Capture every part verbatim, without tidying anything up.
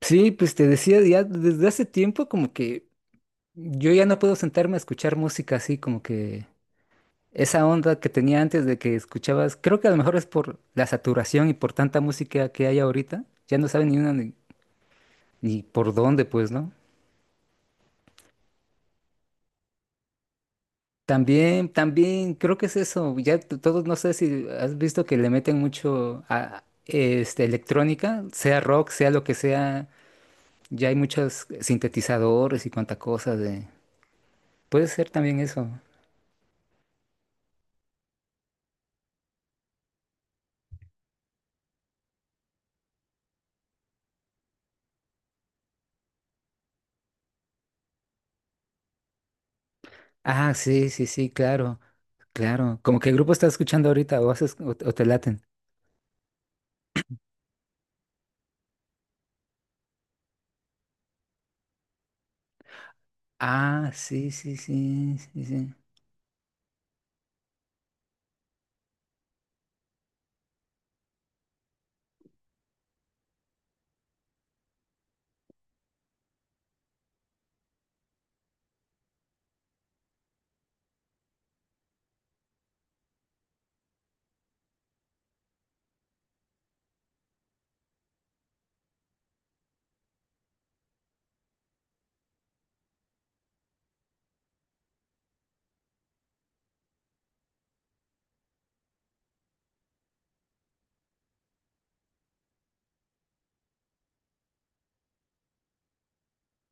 Sí, pues te decía, ya desde hace tiempo como que yo ya no puedo sentarme a escuchar música así, como que esa onda que tenía antes de que escuchabas, creo que a lo mejor es por la saturación y por tanta música que hay ahorita, ya no saben ni una ni, ni por dónde, pues, ¿no? También, también creo que es eso, ya t- todos, no sé si has visto que le meten mucho a este, electrónica, sea rock, sea lo que sea, ya hay muchos sintetizadores y cuanta cosa de... Puede ser también eso. Ah, sí, sí, sí, claro, claro. ¿Como qué grupo estás escuchando ahorita? ¿O, haces- o, o te laten? Ah, sí, sí, sí, sí, sí.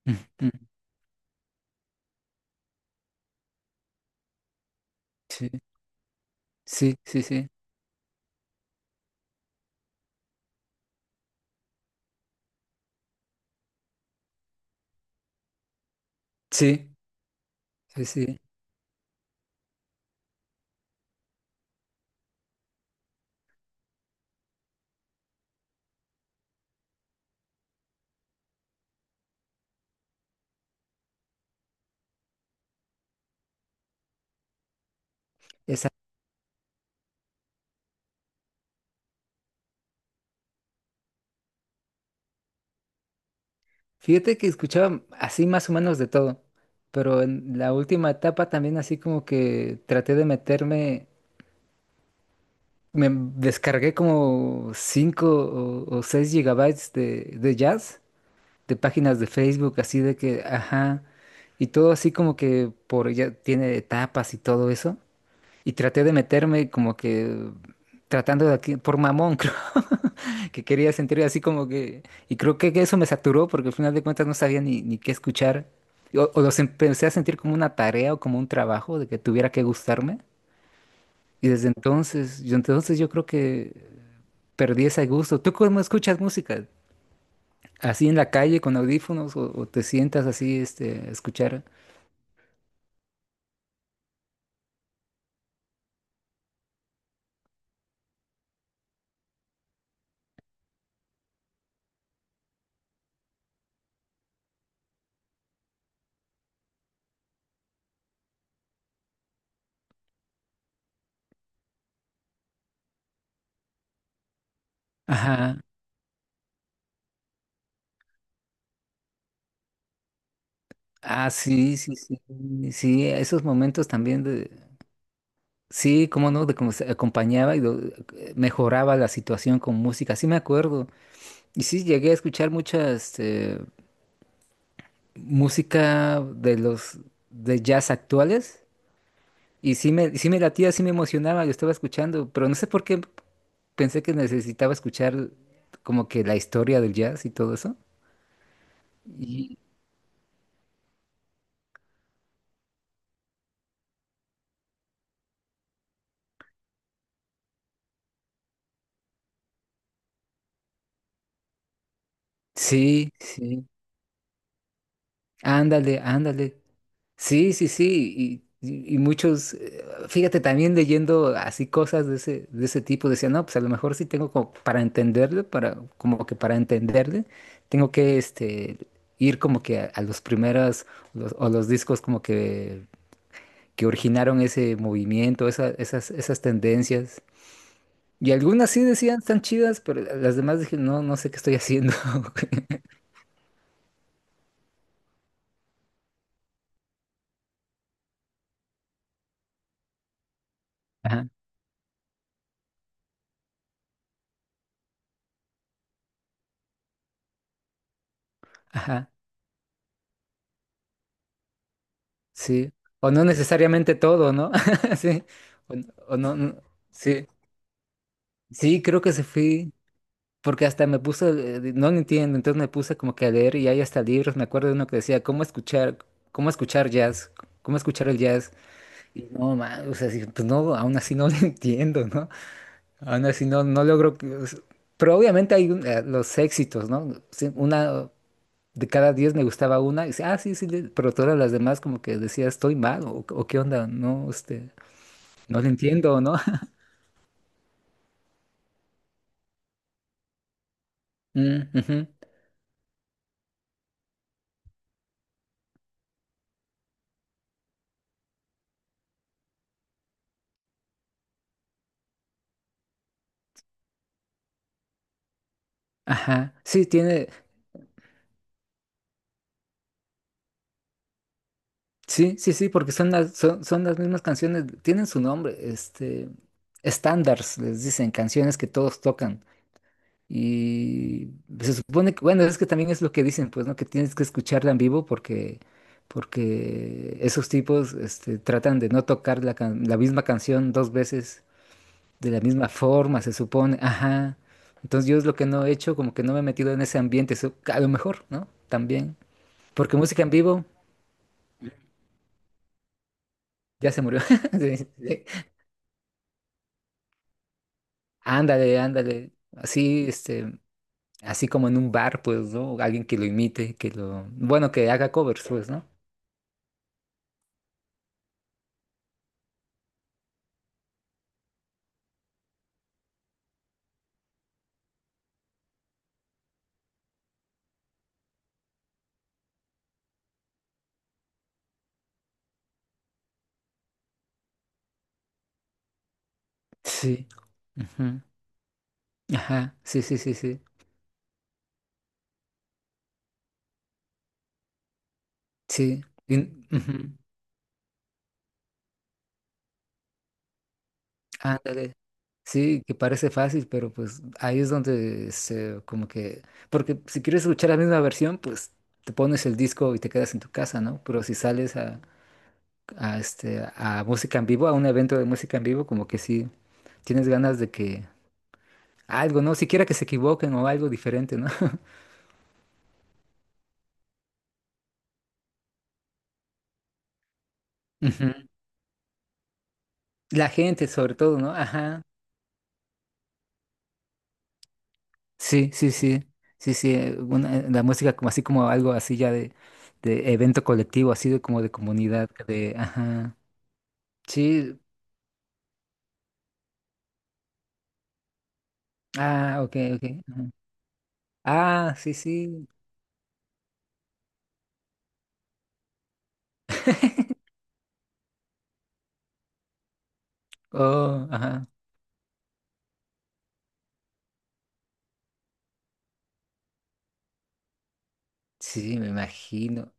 Mm, mm. Sí, sí, sí, sí. Sí, sí, sí. Esa. Fíjate que escuchaba así más o menos de todo, pero en la última etapa también así como que traté de meterme, me descargué como cinco o, o seis gigabytes de, de jazz. De páginas de Facebook, así de que, ajá, y todo así como que por ya tiene etapas y todo eso. Y traté de meterme como que tratando de aquí, por mamón, creo, que quería sentir así como que, y creo que eso me saturó porque al final de cuentas no sabía ni, ni qué escuchar. O, o los empecé a sentir como una tarea o como un trabajo de que tuviera que gustarme. Y desde entonces, yo entonces yo creo que perdí ese gusto. ¿Tú cómo escuchas música? Así en la calle con audífonos o, o te sientas así este, a escuchar. Ajá. Ah, sí, sí, sí. Sí, esos momentos también de... Sí, cómo no, de cómo se acompañaba y lo- mejoraba la situación con música. Sí me acuerdo. Y sí, llegué a escuchar mucha este, música de los de jazz actuales. Y sí me, sí me latía, sí me emocionaba, lo estaba escuchando, pero no sé por qué pensé que necesitaba escuchar como que la historia del jazz y todo eso. Sí, sí, ándale, ándale. Sí, sí, sí. Y, y- y muchos, eh, fíjate, también leyendo así cosas de ese, de ese tipo, decían, no, pues a lo mejor sí tengo como para entenderle, para, como que para entenderle, tengo que este, ir como que a, a los primeros los- o los discos como que, que originaron ese movimiento, esa- esas, esas tendencias. Y algunas sí decían, están chidas, pero las demás dije, no, no sé qué estoy haciendo. Ajá, ajá. Sí, o no necesariamente todo, ¿no? Sí, o, n- o no, n- sí, sí, creo que se fui, porque hasta me puse, eh, de- no lo entiendo, entonces me puse como que a leer y hay hasta libros, me acuerdo de uno que decía, ¿cómo escuchar, ¿cómo escuchar jazz? ¿Cómo escuchar el jazz? Y no, man, o sea, sí, pues no, aún así no lo entiendo, ¿no? Aún así no, no logro, que- o sea, pero obviamente hay un- eh, los éxitos, ¿no? Sí, una... De cada diez me gustaba una, y dice, ah, sí, sí, le- pero todas las demás como que decía, estoy mal, o, o qué onda, no, este. No lo entiendo, ¿no? Mm, ujú. Ajá. Sí, tiene. Sí, sí, sí, porque son las, son, son las mismas canciones. Tienen su nombre. Este. Standards, les dicen, canciones que todos tocan. Y se supone que, bueno, es que también es lo que dicen, pues, ¿no? Que tienes que escucharla en vivo porque. Porque esos tipos este, tratan de no tocar la, can- la misma canción dos veces de la misma forma, se supone. Ajá. Entonces yo es lo que no he hecho, como que no me he metido en ese ambiente, eso, a lo mejor, ¿no? También. Porque música en vivo ya se murió. Sí, sí. Ándale, ándale. Así, este, así como en un bar, pues, ¿no? Alguien que lo imite, que lo, bueno, que haga covers, pues, ¿no? Sí. Ujú. Ajá. Sí, sí, sí, sí. Sí. Y- ujú. Ándale. Sí, que parece fácil, pero pues ahí es donde se como que, porque si quieres escuchar la misma versión, pues te pones el disco y te quedas en tu casa, ¿no? Pero si sales a, a, este, a música en vivo, a un evento de música en vivo, como que sí. Tienes ganas de que algo, ¿no? Siquiera que se equivoquen o algo diferente, ¿no? Ujú. La gente, sobre todo, ¿no? Ajá. Sí, sí, sí. Sí, sí. eh, una- eh, la música como así como algo así ya de, de evento colectivo, así de como de comunidad, de, ajá. Sí. Ah, ok, ok. Ah, sí, sí. Oh, ajá. Sí, sí, me imagino.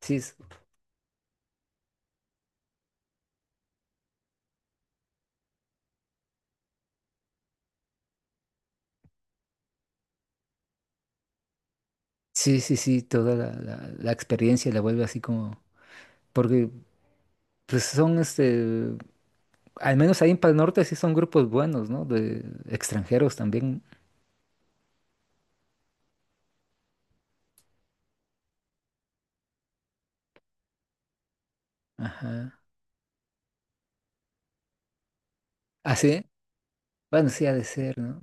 Sí, es- sí, sí, sí, toda la, la, la experiencia la vuelve así como, porque pues son este. Al menos ahí en Pal Norte sí son grupos buenos, ¿no? De extranjeros también. Ajá. ¿Ah, sí? Bueno, sí ha de ser, ¿no?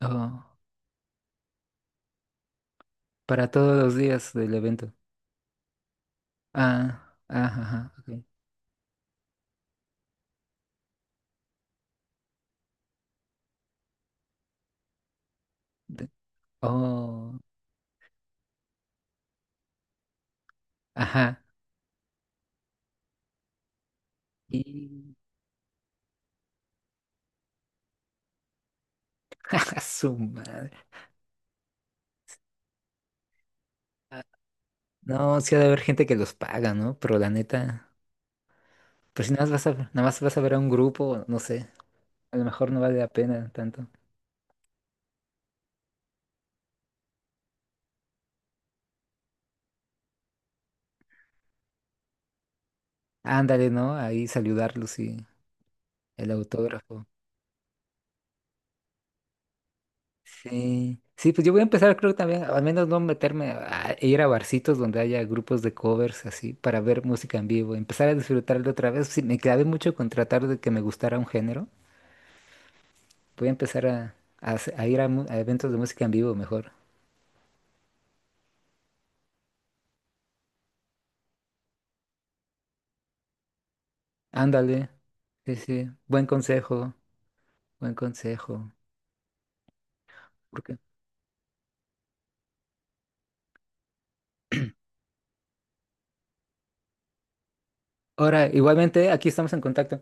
Oh, para todos los días del evento. Ah, ajá, ajá, ok. De- oh, ajá. Y... ¡Ja, su madre! Ah. No, sí ha de haber gente que los paga, ¿no? Pero la neta... Pero si nada más vas a, nada más vas a ver a un grupo, no sé. A lo mejor no vale la pena tanto. Ándale, ¿no? Ahí saludarlos y el autógrafo. Sí, sí, pues yo voy a empezar, creo que también, al menos no meterme a a ir a barcitos donde haya grupos de covers así para ver música en vivo, empezar a disfrutarlo otra vez. Sí, me clavé mucho con tratar de que me gustara un género. Voy a empezar a, a hace- a ir a, mu- a eventos de música en vivo mejor. Ándale, sí, sí, buen consejo, buen consejo. Porque ahora, igualmente, aquí estamos en contacto.